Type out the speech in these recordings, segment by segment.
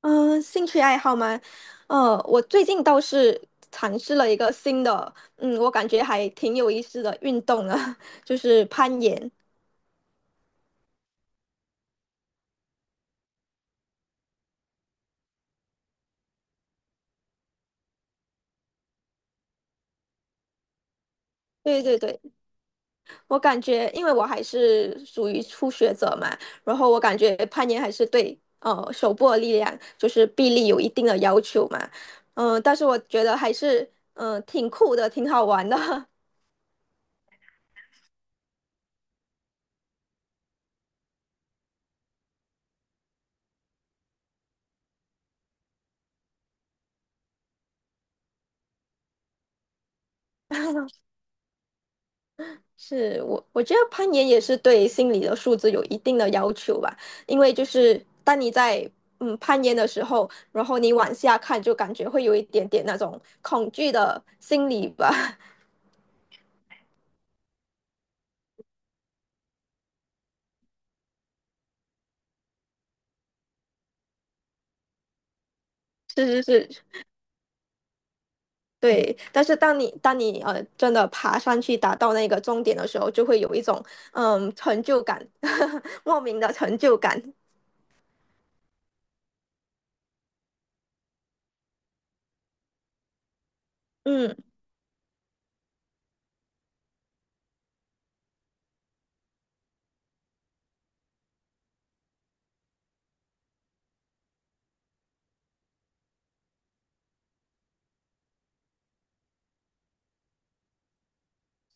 嗯，兴趣爱好吗？我最近倒是尝试了一个新的，我感觉还挺有意思的运动呢，就是攀岩。对对对，我感觉，因为我还是属于初学者嘛，然后我感觉攀岩还是对手部的力量，就是臂力有一定的要求嘛。但是我觉得还是挺酷的，挺好玩的。是我觉得攀岩也是对心理的素质有一定的要求吧，因为就是当你在攀岩的时候，然后你往下看，就感觉会有一点点那种恐惧的心理吧。是是是，对。但是当你真的爬上去达到那个终点的时候，就会有一种成就感，莫名的成就感。嗯，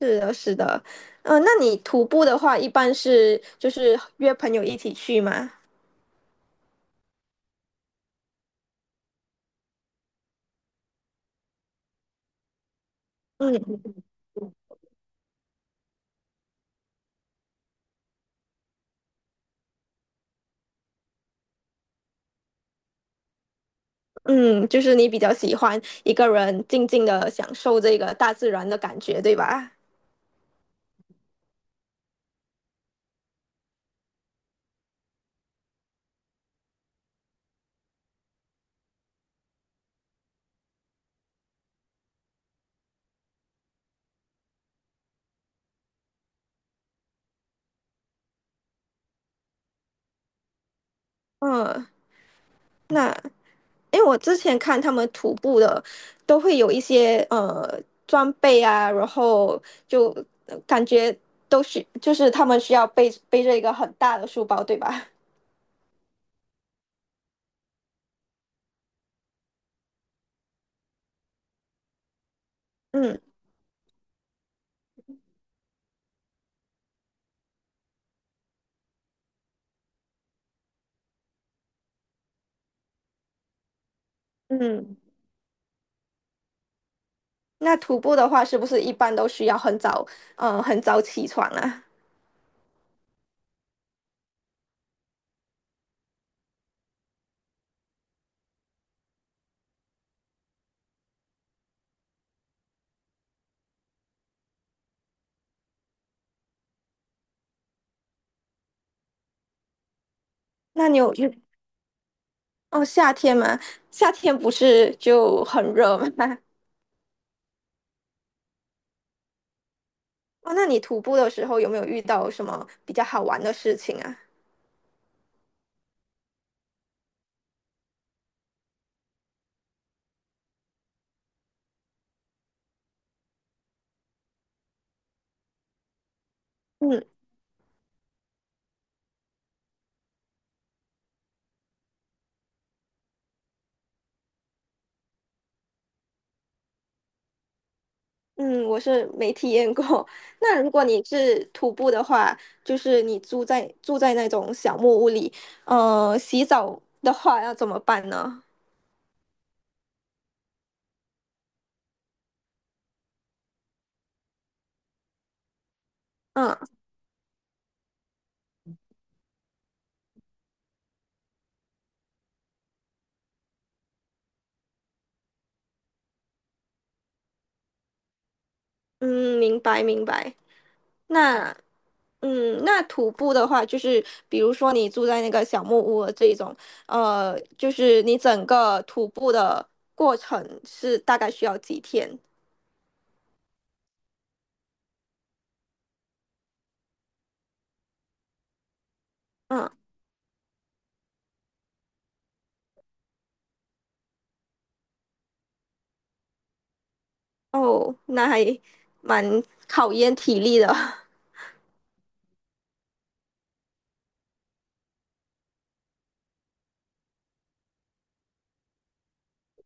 是的，是的。那你徒步的话，一般是就是约朋友一起去吗？嗯。嗯，就是你比较喜欢一个人静静的享受这个大自然的感觉，对吧？嗯，那因为我之前看他们徒步的，都会有一些装备啊，然后就感觉都是就是他们需要背着一个很大的书包，对吧？嗯嗯，那徒步的话，是不是一般都需要很早起床啊？那你有有哦夏天吗？夏天不是就很热吗？哦，那你徒步的时候有没有遇到什么比较好玩的事情啊？嗯嗯，我是没体验过。那如果你是徒步的话，就是你住在那种小木屋里，洗澡的话要怎么办呢？嗯嗯，明白明白。那那徒步的话，就是比如说你住在那个小木屋的这种，就是你整个徒步的过程是大概需要几天？嗯。哦，那还蛮考验体力的。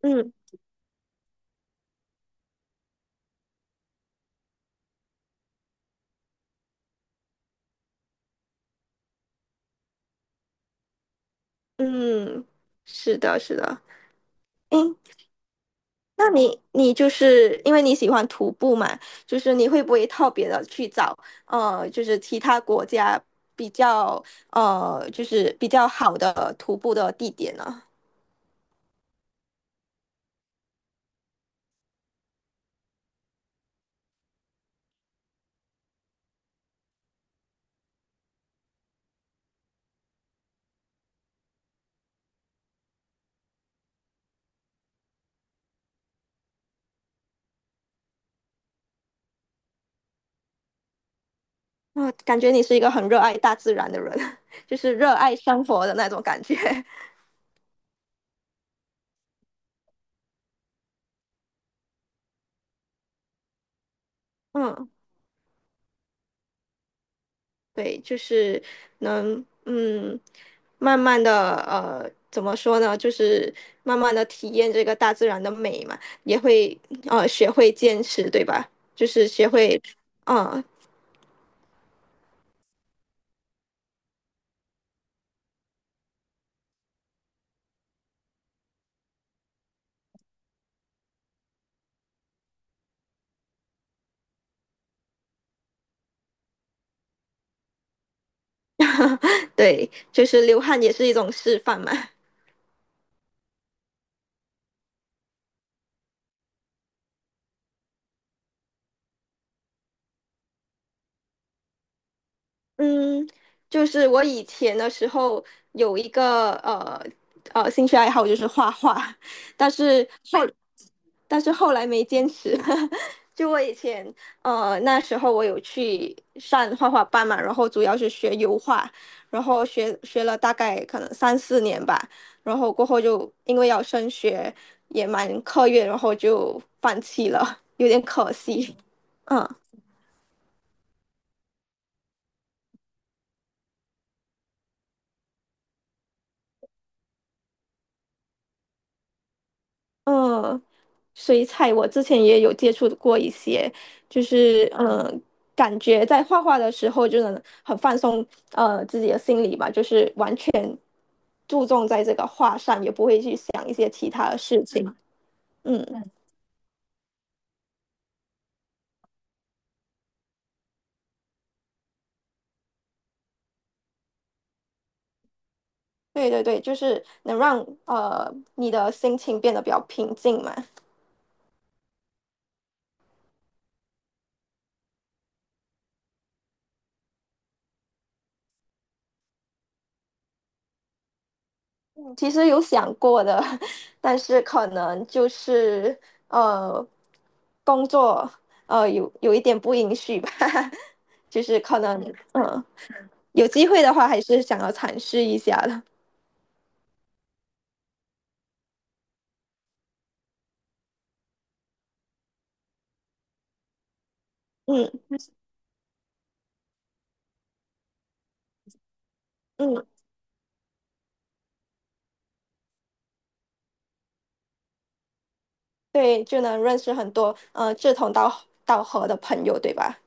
嗯嗯，是的，是的。诶，那你就是因为你喜欢徒步嘛，就是你会不会特别的去找就是其他国家比较就是比较好的徒步的地点呢？嗯，感觉你是一个很热爱大自然的人，就是热爱生活的那种感觉。嗯。对，就是能慢慢的怎么说呢？就是慢慢的体验这个大自然的美嘛，也会学会坚持，对吧？就是学会，嗯、对，就是流汗也是一种示范嘛。嗯，就是我以前的时候有一个兴趣爱好就是画画，但是后但是后来没坚持。就我以前，那时候我有去上画画班嘛，然后主要是学油画，然后学了大概可能三四年吧，然后过后就因为要升学，也蛮课业，然后就放弃了，有点可惜。嗯嗯，水彩我之前也有接触过一些，就是感觉在画画的时候就能很放松，自己的心理吧，就是完全注重在这个画上，也不会去想一些其他的事情。嗯，对对对，就是能让你的心情变得比较平静嘛。其实有想过的，但是可能就是呃工作有一点不允许吧，就是可能嗯。有机会的话，还是想要尝试一下的。嗯嗯，对，就能认识很多志同道合的朋友，对吧？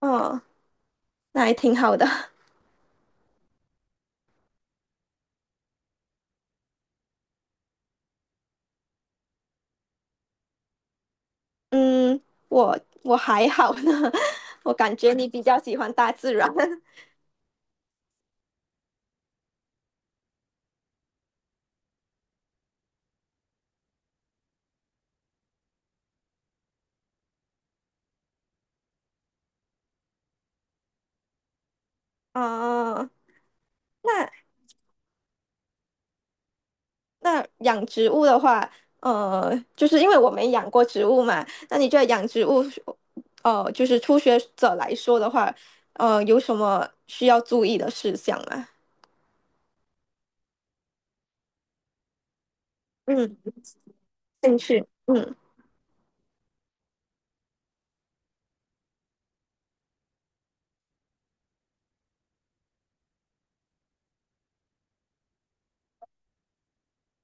嗯，那还挺好的。嗯，我我还好呢，我感觉你比较喜欢大自然。嗯，那那养植物的话，就是因为我没养过植物嘛，那你觉得养植物，就是初学者来说的话，有什么需要注意的事项吗？嗯，兴趣，嗯。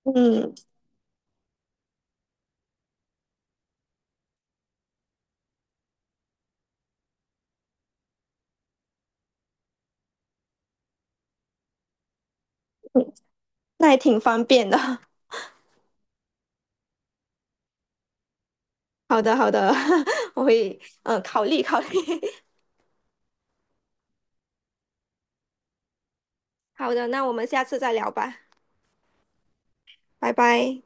嗯，嗯那也挺方便的。好的，好的，我会考虑考虑。好的，那我们下次再聊吧，拜拜。